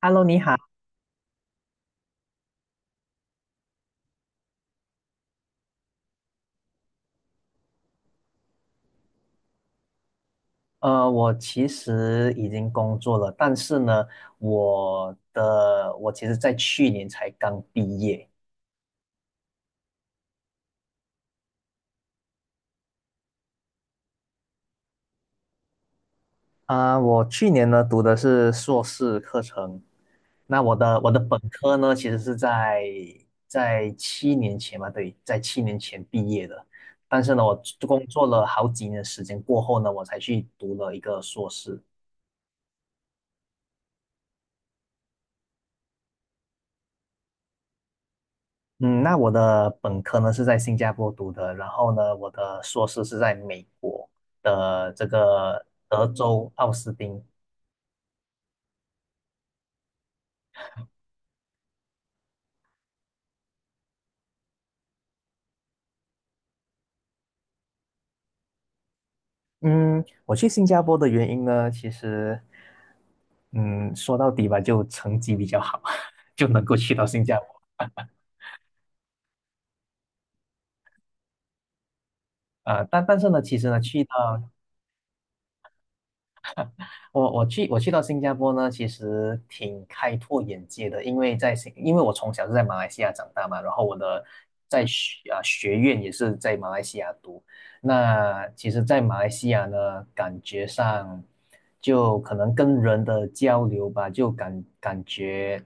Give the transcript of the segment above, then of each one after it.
Hello，你好。我其实已经工作了，但是呢，我其实在去年才刚毕业我去年呢读的是硕士课程，那我的本科呢其实是在七年前吧，对，在七年前毕业的，但是呢，我工作了好几年时间过后呢，我才去读了一个硕士。嗯，那我的本科呢是在新加坡读的，然后呢，我的硕士是在美国的这个德州奥斯汀。嗯，我去新加坡的原因呢，其实，嗯，说到底吧，就成绩比较好，就能够去到新加坡，但是呢，其实呢，去到我我去我去到新加坡呢，其实挺开拓眼界的，因为因为我从小是在马来西亚长大嘛，然后我的在学啊学院也是在马来西亚读。那其实，在马来西亚呢，感觉上就可能跟人的交流吧，就感觉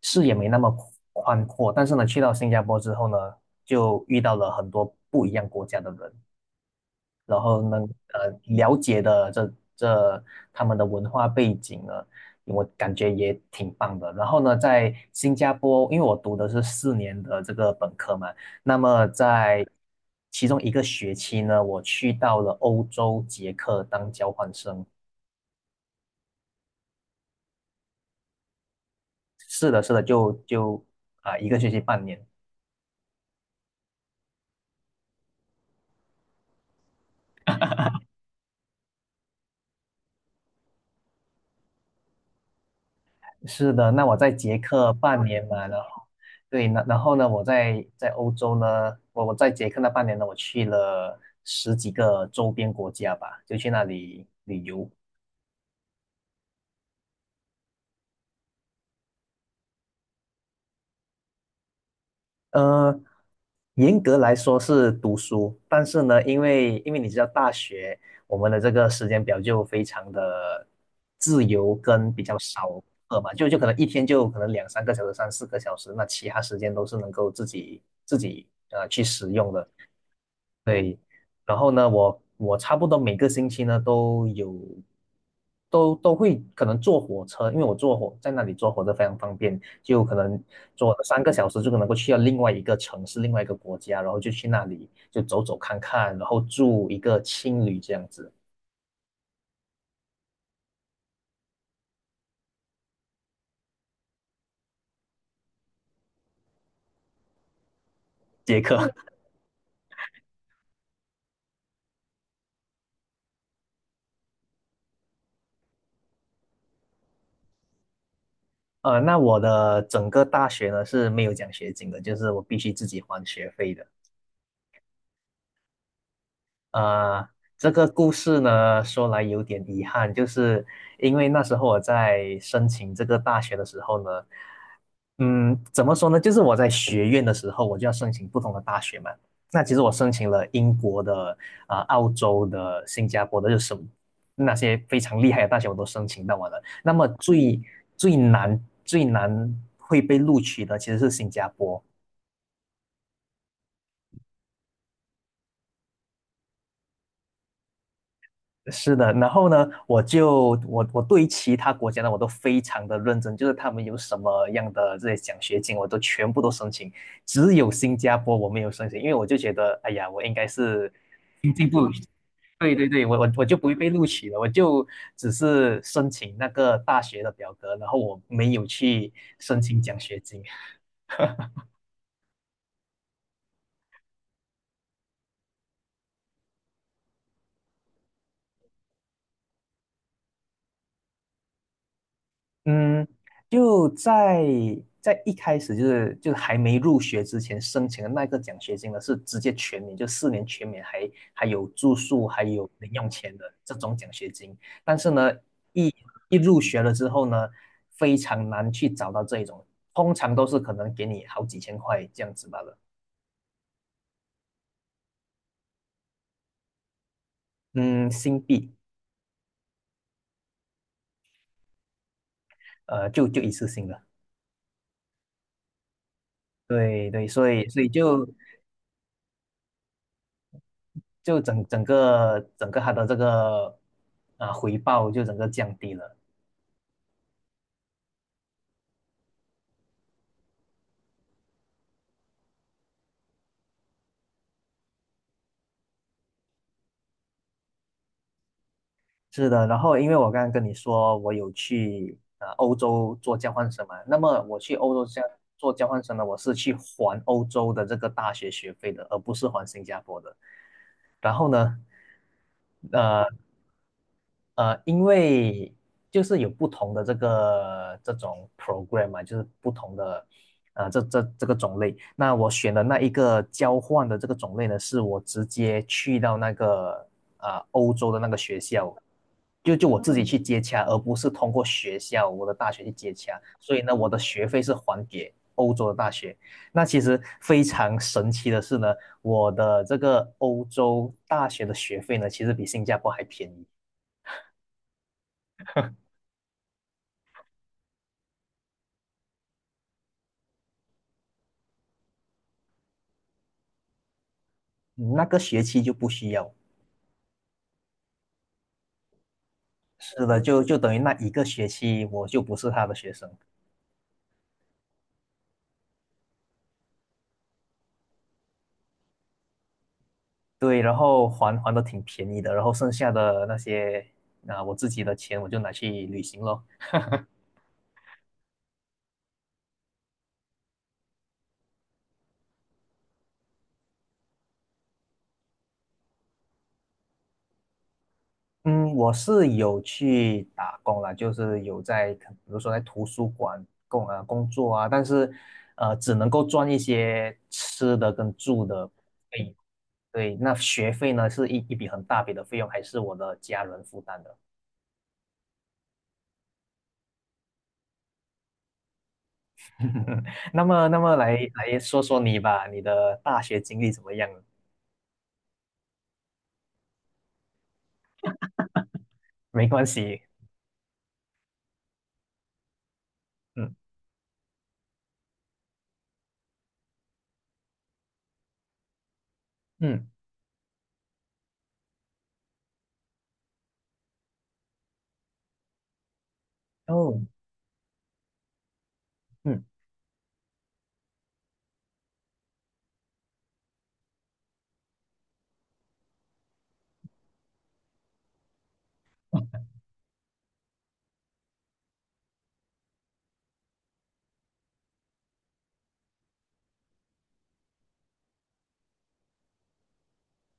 视野没那么宽阔。但是呢，去到新加坡之后呢，就遇到了很多不一样国家的人。然后能了解的这他们的文化背景呢，我感觉也挺棒的。然后呢，在新加坡，因为我读的是四年的这个本科嘛，那么在其中一个学期呢，我去到了欧洲捷克当交换生。是的，是的，就一个学期半年。是的，那我在捷克半年嘛，然后对，那然后呢，我在欧洲呢，我在捷克那半年呢，我去了十几个周边国家吧，就去那里旅游。呃，严格来说是读书，但是呢，因为你知道大学我们的这个时间表就非常的自由跟比较少课嘛，就可能一天就可能两三个小时、三四个小时，那其他时间都是能够自己去使用的。对，然后呢，我差不多每个星期呢都有，都会可能坐火车，因为我在那里坐火车非常方便，就可能坐三个小时就能够去到另外一个城市、另外一个国家，然后就去那里就走走看看，然后住一个青旅这样子，杰克。那我的整个大学呢是没有奖学金的，就是我必须自己还学费的。呃，这个故事呢，说来有点遗憾，就是因为那时候我在申请这个大学的时候呢，嗯，怎么说呢？就是我在学院的时候，我就要申请不同的大学嘛。那其实我申请了英国的、澳洲的、新加坡的，就是什么那些非常厉害的大学我都申请到完了。那么最难会被录取的其实是新加坡，是的，然后呢，我就我我对其他国家呢，我都非常的认真，就是他们有什么样的这些奖学金，我都全部都申请，只有新加坡我没有申请，因为我就觉得，哎呀，我应该是经济部，对对对，我就不会被录取了，我就只是申请那个大学的表格，然后我没有去申请奖学金，嗯，就在一开始就是还没入学之前申请的那个奖学金呢，是直接全免，就四年全免还，还有住宿，还有零用钱的这种奖学金。但是呢，一一入学了之后呢，非常难去找到这一种，通常都是可能给你好几千块这样子罢了。嗯，新币，就一次性的。对对，所以就整个它的这个回报就整个降低了。是的，然后因为我刚刚跟你说我有去欧洲做交换生嘛，那么我去欧洲做交换生呢，我是去还欧洲的这个大学学费的，而不是还新加坡的。然后呢，呃因为就是有不同的这个这种 program 嘛，就是不同的这个种类。那我选的那一个交换的这个种类呢，是我直接去到那个欧洲的那个学校就我自己去接洽，而不是通过学校我的大学去接洽。所以呢，我的学费是还给欧洲的大学。那其实非常神奇的是呢，我的这个欧洲大学的学费呢，其实比新加坡还便宜。嗯那个学期就不需要。是的，就等于那一个学期我就不是他的学生。对，然后还的挺便宜的，然后剩下的那些我自己的钱我就拿去旅行咯。嗯，我是有去打工啦，就是可比如说在图书馆工作啊，但是只能够赚一些吃的跟住的费用。对，那学费呢是一笔很大笔的费用，还是我的家人负担的。那么来来说说你吧，你的大学经历怎么样？没关系，嗯嗯，哦，嗯，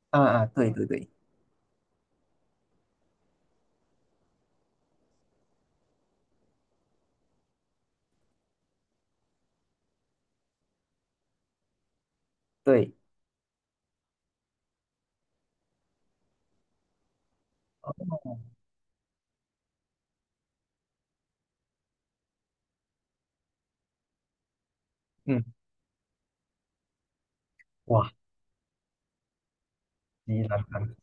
啊啊，对对对对，嗯，哇，你难堪，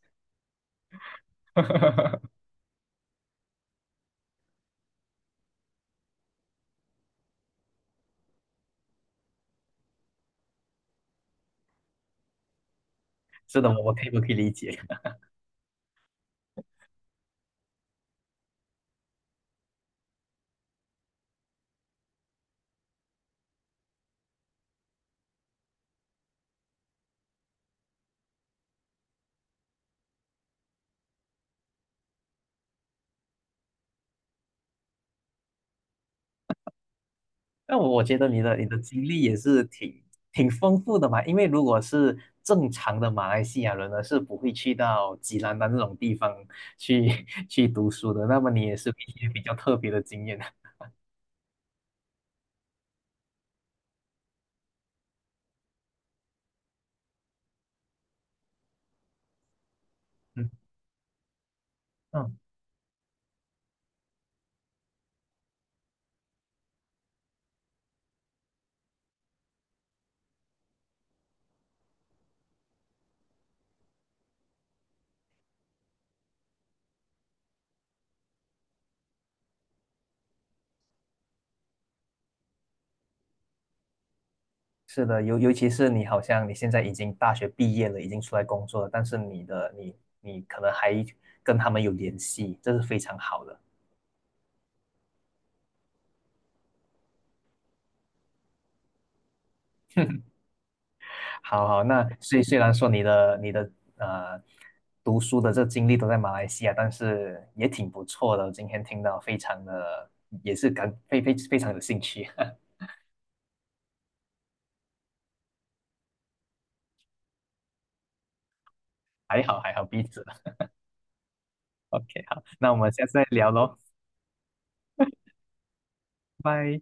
是的，我可以理解。那我觉得你的经历也是挺丰富的嘛，因为如果是正常的马来西亚人呢，是不会去到吉兰丹这种地方去 去读书的。那么你也是有一些比较特别的经验的。嗯嗯，是的，尤其是你好像你现在已经大学毕业了，已经出来工作了，但是你的你你可能还跟他们有联系，这是非常好的。好好，那虽然说你的呃读书的这经历都在马来西亚，但是也挺不错的。今天听到非常的也是感非非非常有兴趣，还好还好，彼此。OK，好，那我们下次再聊喽，拜。